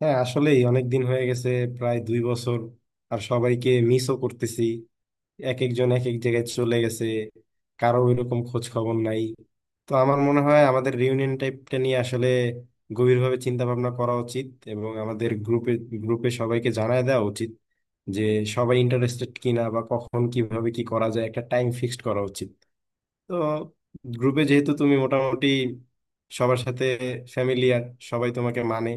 হ্যাঁ, আসলেই অনেক দিন হয়ে গেছে। প্রায় 2 বছর। আর সবাইকে মিসও করতেছি। এক একজন এক এক জায়গায় চলে গেছে, কারো এরকম খোঁজ খবর নাই। তো আমার মনে হয় আমাদের রিউনিয়ন টাইপটা নিয়ে আসলে গভীরভাবে চিন্তা ভাবনা করা উচিত। এবং আমাদের গ্রুপে গ্রুপে সবাইকে জানায় দেওয়া উচিত যে সবাই ইন্টারেস্টেড কিনা, বা কখন কিভাবে কি করা যায়, একটা টাইম ফিক্সড করা উচিত। তো গ্রুপে যেহেতু তুমি মোটামুটি সবার সাথে ফ্যামিলিয়ার, সবাই তোমাকে মানে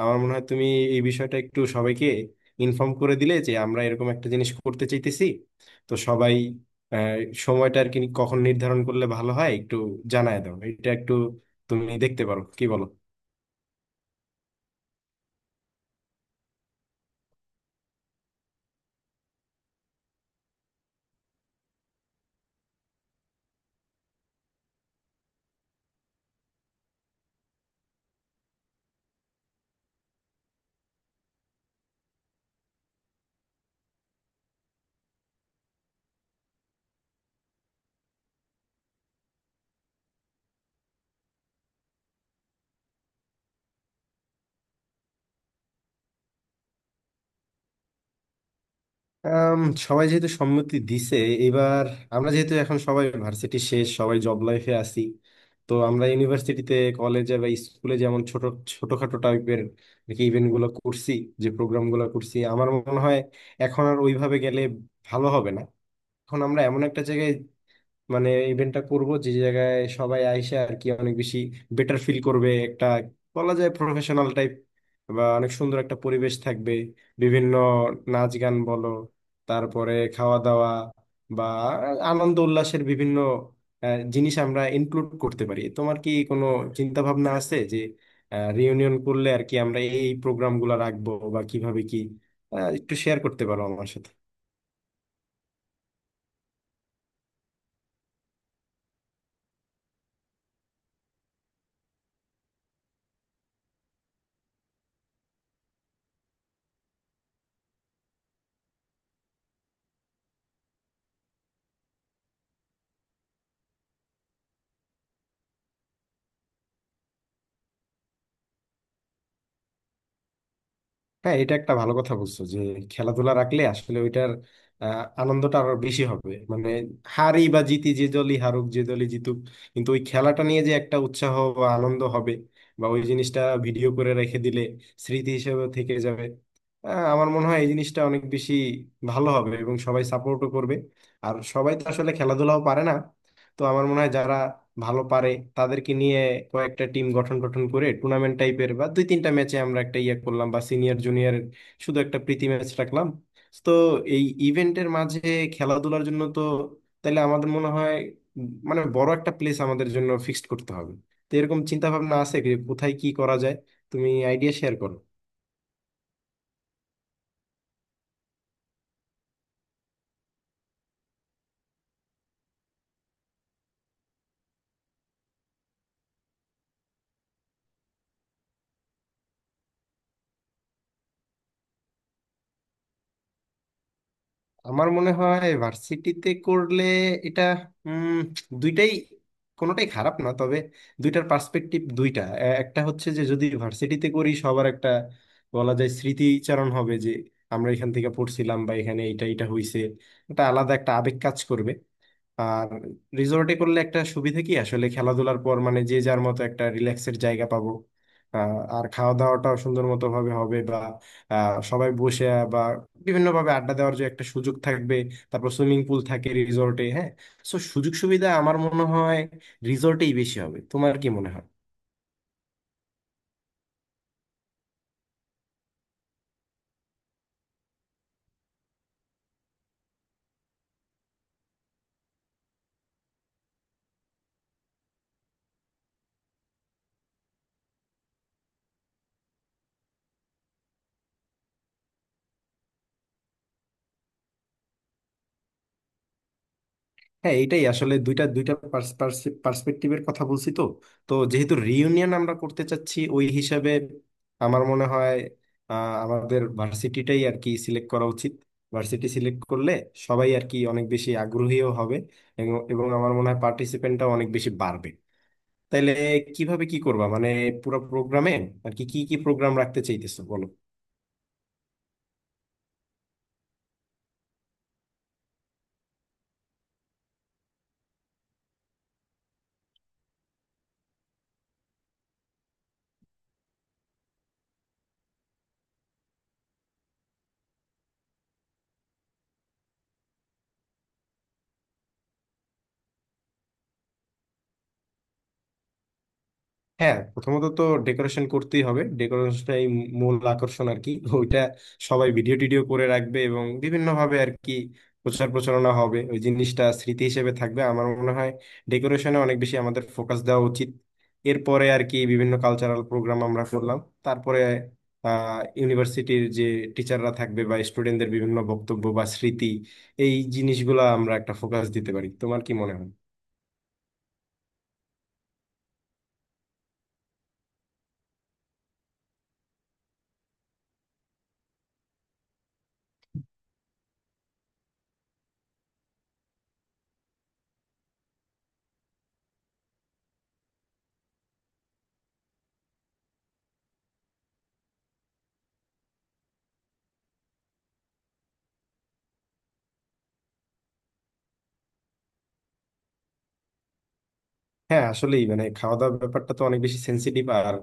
আমার মনে হয় তুমি এই বিষয়টা একটু সবাইকে ইনফর্ম করে দিলে যে আমরা এরকম একটা জিনিস করতে চাইতেছি, তো সবাই আহ, সময়টা আর কি কখন নির্ধারণ করলে ভালো হয়, একটু জানায় দাও, এটা একটু তুমি দেখতে পারো। কি বলো? আম, সবাই যেহেতু সম্মতি দিছে, এবার আমরা যেহেতু এখন সবাই ভার্সিটি শেষ, সবাই জব লাইফে আছি, তো আমরা ইউনিভার্সিটিতে কলেজে বা স্কুলে যেমন ছোট ছোটখাটো টাইপের ইভেন্ট গুলো করছি, যে প্রোগ্রাম গুলো করছি, আমার মনে হয় এখন আর ওইভাবে গেলে ভালো হবে না। এখন আমরা এমন একটা জায়গায় মানে ইভেন্টটা করব যে জায়গায় সবাই আইসে আর কি অনেক বেশি বেটার ফিল করবে, একটা বলা যায় প্রফেশনাল টাইপ বা অনেক সুন্দর একটা পরিবেশ থাকবে। বিভিন্ন নাচ গান বলো, তারপরে খাওয়া দাওয়া বা আনন্দ উল্লাসের বিভিন্ন জিনিস আমরা ইনক্লুড করতে পারি। তোমার কি কোনো চিন্তা ভাবনা আছে যে রিউনিয়ন করলে আর কি আমরা এই প্রোগ্রামগুলো রাখবো বা কিভাবে কি, একটু শেয়ার করতে পারো আমার সাথে? হ্যাঁ, এটা একটা ভালো কথা বলছো যে খেলাধুলা রাখলে আসলে ওইটার আনন্দটা আরো বেশি হবে। মানে হারি বা জিতি, যে দলই হারুক যে দলই জিতুক, কিন্তু ওই খেলাটা নিয়ে যে একটা উৎসাহ বা আনন্দ হবে, বা ওই জিনিসটা ভিডিও করে রেখে দিলে স্মৃতি হিসেবে থেকে যাবে। আমার মনে হয় এই জিনিসটা অনেক বেশি ভালো হবে এবং সবাই সাপোর্টও করবে। আর সবাই তো আসলে খেলাধুলাও পারে না, তো আমার মনে হয় যারা ভালো পারে তাদেরকে নিয়ে কয়েকটা টিম গঠন গঠন করে টুর্নামেন্ট টাইপের বা 2-3টা ম্যাচে আমরা একটা ইয়ে করলাম, বা সিনিয়র জুনিয়র শুধু একটা প্রীতি ম্যাচ রাখলাম। তো এই ইভেন্টের মাঝে খেলাধুলার জন্য তো তাহলে আমাদের মনে হয় মানে বড় একটা প্লেস আমাদের জন্য ফিক্সড করতে হবে। তো এরকম চিন্তা ভাবনা আছে কি? কোথায় কি করা যায় তুমি আইডিয়া শেয়ার করো। আমার মনে হয় ভার্সিটিতে করলে এটা উম দুইটাই কোনোটাই খারাপ না, তবে দুইটার পার্সপেক্টিভ দুইটা এ- একটা হচ্ছে যে যদি ভার্সিটিতে করি সবার একটা বলা যায় স্মৃতিচারণ হবে যে আমরা এখান থেকে পড়ছিলাম বা এখানে এটা এটা হইছে, এটা আলাদা একটা আবেগ কাজ করবে। আর রিসোর্টে করলে একটা সুবিধা কি, আসলে খেলাধুলার পর মানে যে যার মতো একটা রিল্যাক্সের জায়গা পাবো। আর খাওয়া দাওয়াটাও সুন্দর মতো ভাবে হবে, বা সবাই বসে বা বিভিন্ন ভাবে আড্ডা দেওয়ার যে একটা সুযোগ থাকবে, তারপর সুইমিং পুল থাকে রিসোর্টে। হ্যাঁ, সো সুযোগ সুবিধা আমার মনে হয় রিসোর্টেই বেশি হবে। তোমার কি মনে হয়? হ্যাঁ, এটাই আসলে দুইটা দুইটা পার্সপেক্টিভের কথা বলছি তো। তো যেহেতু রিইউনিয়ন আমরা করতে চাচ্ছি ওই হিসাবে আমার মনে হয় আমাদের ভার্সিটিটাই আর কি সিলেক্ট করা উচিত। ভার্সিটি সিলেক্ট করলে সবাই আর কি অনেক বেশি আগ্রহীও হবে, এবং এবং আমার মনে হয় পার্টিসিপেন্টটাও অনেক বেশি বাড়বে। তাইলে কিভাবে কি করবা মানে পুরো প্রোগ্রামে আর কি কি কি প্রোগ্রাম রাখতে চাইতেছো বলো। হ্যাঁ, প্রথমত তো ডেকোরেশন করতেই হবে, ডেকোরেশনটাই মূল আকর্ষণ আর কি। ওইটা সবাই ভিডিও টিডিও করে রাখবে এবং বিভিন্ন ভাবে আর কি প্রচার প্রচারণা হবে, ওই জিনিসটা স্মৃতি হিসেবে থাকবে। আমার মনে হয় ডেকোরেশনে অনেক বেশি আমাদের ফোকাস দেওয়া উচিত। এরপরে আর কি বিভিন্ন কালচারাল প্রোগ্রাম আমরা করলাম, তারপরে আহ ইউনিভার্সিটির যে টিচাররা থাকবে বা স্টুডেন্টদের বিভিন্ন বক্তব্য বা স্মৃতি, এই জিনিসগুলো আমরা একটা ফোকাস দিতে পারি। তোমার কি মনে হয়? হ্যাঁ, আসলেই মানে খাওয়া দাওয়ার ব্যাপারটা তো অনেক বেশি সেন্সিটিভ। আর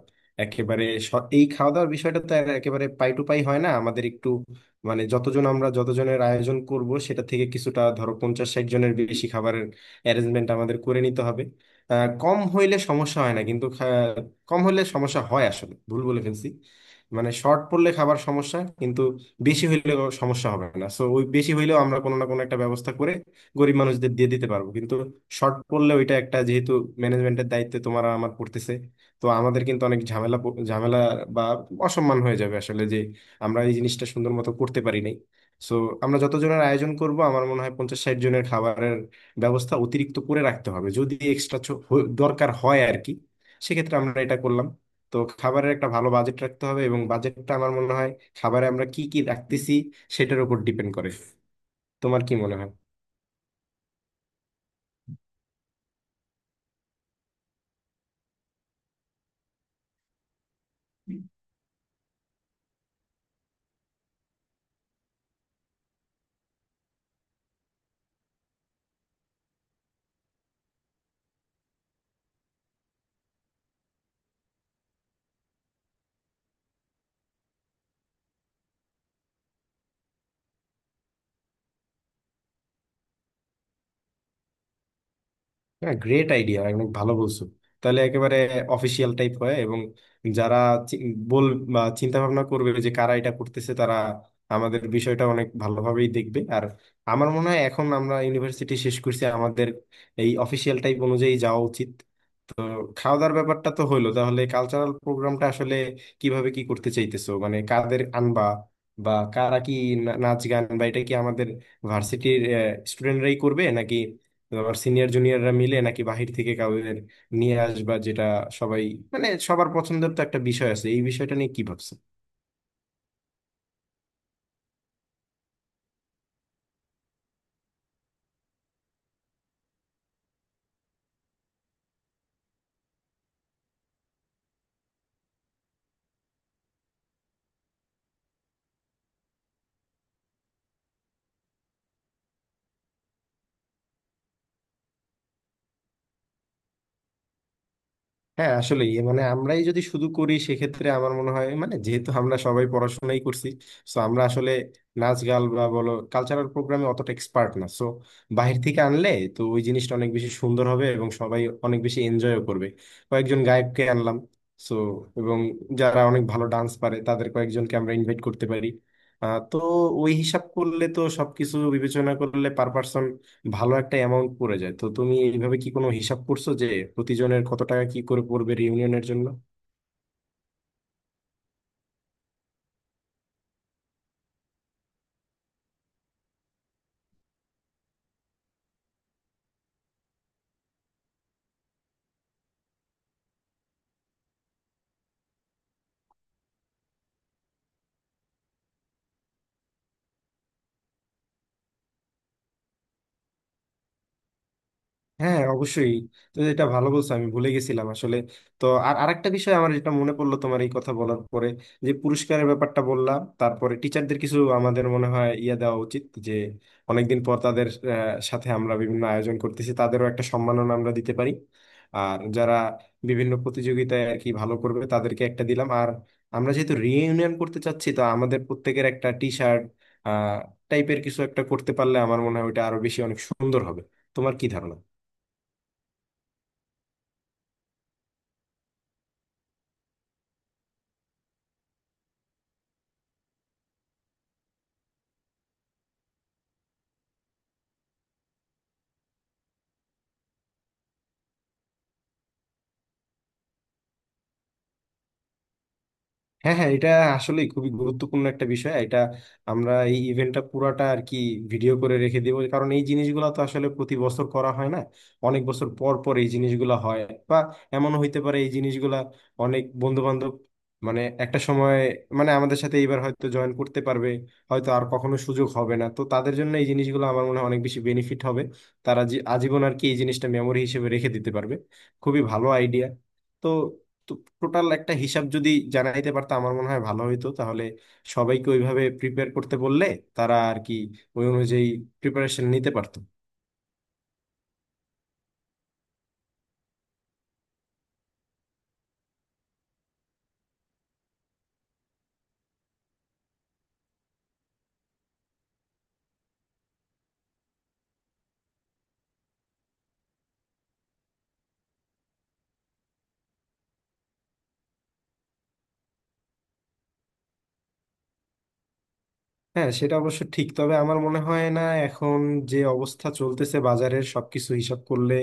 এই খাওয়া দাওয়ার বিষয়টা তো আর একেবারে পাই টু পাই হয় না, আমাদের একটু মানে যতজন আমরা যতজনের আয়োজন করব সেটা থেকে কিছুটা ধরো 50-60 জনের বেশি খাবারের অ্যারেঞ্জমেন্ট আমাদের করে নিতে হবে। কম হইলে সমস্যা হয় না, কম হলে সমস্যা হয়, আসলে ভুল বলে ফেলছি। মানে শর্ট পড়লে খাবার সমস্যা, কিন্তু বেশি হইলে সমস্যা হবে না। সো ওই বেশি হইলেও আমরা কোনো না কোনো একটা ব্যবস্থা করে গরিব মানুষদের দিয়ে দিতে পারবো, কিন্তু শর্ট পড়লে ওইটা একটা, যেহেতু ম্যানেজমেন্টের দায়িত্বে তোমার আর আমার পড়তেছে, তো আমাদের কিন্তু অনেক ঝামেলা বা অসম্মান হয়ে যাবে আসলে, যে আমরা এই জিনিসটা সুন্দর মতো করতে পারি নাই। সো আমরা যতজনের আয়োজন করব আমার মনে হয় 50-60 জনের খাবারের ব্যবস্থা অতিরিক্ত করে রাখতে হবে, যদি এক্সট্রা দরকার হয় আর কি, সেক্ষেত্রে আমরা এটা করলাম। তো খাবারের একটা ভালো বাজেট রাখতে হবে, এবং বাজেটটা আমার মনে হয় খাবারে আমরা কি কি রাখতেছি সেটার উপর ডিপেন্ড করে। তোমার কি মনে হয়? হ্যাঁ, গ্রেট আইডিয়া, অনেক ভালো বলছো। তাহলে একেবারে অফিসিয়াল টাইপ হয়, এবং যারা চি- বল বা চিন্তা ভাবনা করবে যে কারা এটা করতেছে, তারা আমাদের বিষয়টা অনেক ভালোভাবেই দেখবে। আর আমার মনে হয় এখন আমরা ইউনিভার্সিটি শেষ করছি, আমাদের এই অফিসিয়াল টাইপ অনুযায়ী যাওয়া উচিত। খাওয়া দাওয়ার ব্যাপারটা তো হইলো, তাহলে কালচারাল প্রোগ্রামটা আসলে কিভাবে কি করতে চাইতেছো মানে কাদের আনবা বা কারা কি, নাচ গান বা এটা কি আমাদের ভার্সিটির স্টুডেন্টরাই করবে, নাকি তোমার সিনিয়র জুনিয়ররা মিলে, নাকি বাহির থেকে কাউদের নিয়ে আসবা যেটা সবাই মানে সবার পছন্দের, তো একটা বিষয় আছে এই বিষয়টা নিয়ে কি ভাবছো? হ্যাঁ, আসলে মানে আমরাই যদি শুধু করি সেক্ষেত্রে আমার মনে হয় মানে যেহেতু আমরা সবাই পড়াশোনাই করছি তো আমরা আসলে নাচ গান বা বলো কালচারাল প্রোগ্রামে অতটা এক্সপার্ট না। সো বাইরে থেকে আনলে তো ওই জিনিসটা অনেক বেশি সুন্দর হবে এবং সবাই অনেক বেশি এনজয়ও করবে। কয়েকজন গায়ককে আনলাম সো, এবং যারা অনেক ভালো ডান্স পারে তাদের কয়েকজনকে আমরা ইনভাইট করতে পারি। তো ওই হিসাব করলে তো সবকিছু বিবেচনা করলে ভালো একটা অ্যামাউন্ট পড়ে যায়। তো তুমি এইভাবে কি কোনো হিসাব করছো যে প্রতিজনের কত টাকা কি করে পড়বে রিউনিয়নের জন্য? হ্যাঁ, অবশ্যই। তো এটা ভালো বলছো, আমি ভুলে গেছিলাম আসলে। তো আর আরেকটা বিষয় আমার যেটা মনে পড়লো তোমার এই কথা বলার পরে, যে পুরস্কারের ব্যাপারটা বললাম, তারপরে টিচারদের কিছু আমাদের মনে হয় ইয়ে দেওয়া উচিত যে অনেকদিন পর তাদের সাথে আমরা বিভিন্ন আয়োজন করতেছি, তাদেরও একটা সম্মাননা আমরা দিতে পারি। আর যারা বিভিন্ন প্রতিযোগিতায় আর কি ভালো করবে তাদেরকে একটা দিলাম। আর আমরা যেহেতু রিইউনিয়ন করতে চাচ্ছি তো আমাদের প্রত্যেকের একটা টি শার্ট টাইপের কিছু একটা করতে পারলে আমার মনে হয় ওইটা আরো বেশি অনেক সুন্দর হবে। তোমার কি ধারণা? হ্যাঁ হ্যাঁ, এটা আসলে খুবই গুরুত্বপূর্ণ একটা বিষয়। এটা আমরা এই ইভেন্টটা পুরাটা আর কি ভিডিও করে রেখে দেবো, কারণ এই জিনিসগুলো তো আসলে প্রতি বছর করা হয় না, অনেক বছর পর পর এই জিনিসগুলো হয়। বা এমন হইতে পারে এই জিনিসগুলা অনেক বন্ধু বান্ধব মানে একটা সময় মানে আমাদের সাথে এইবার হয়তো জয়েন করতে পারবে, হয়তো আর কখনো সুযোগ হবে না, তো তাদের জন্য এই জিনিসগুলো আমার মনে হয় অনেক বেশি বেনিফিট হবে। তারা আজীবন আর কি এই জিনিসটা মেমোরি হিসেবে রেখে দিতে পারবে। খুবই ভালো আইডিয়া। তো তো টোটাল একটা হিসাব যদি জানাইতে পারতাম আমার মনে হয় ভালো হইতো, তাহলে সবাইকে ওইভাবে প্রিপেয়ার করতে বললে তারা আর কি ওই অনুযায়ী প্রিপারেশন নিতে পারতো। হ্যাঁ, সেটা অবশ্য ঠিক, তবে আমার মনে হয় না এখন যে অবস্থা চলতেছে বাজারের সবকিছু হিসাব করলে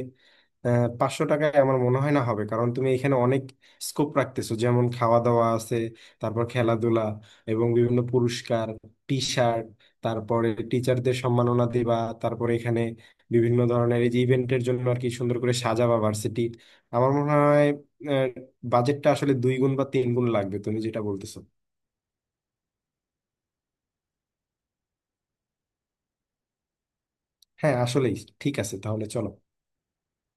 500 টাকায় আমার মনে হয় না হবে। কারণ তুমি এখানে অনেক স্কোপ রাখতেছো, যেমন খাওয়া দাওয়া আছে, তারপর খেলাধুলা, এবং বিভিন্ন পুরস্কার, টি শার্ট, তারপরে টিচারদের সম্মাননা দেবা, তারপরে এখানে বিভিন্ন ধরনের এই যে ইভেন্টের জন্য আর কি সুন্দর করে সাজাবা ভার্সিটির, আমার মনে হয় আহ, বাজেটটা আসলে 2 গুণ বা 3 গুণ লাগবে তুমি যেটা বলতেছো। হ্যাঁ, আসলেই। ঠিক আছে, তাহলে চলো।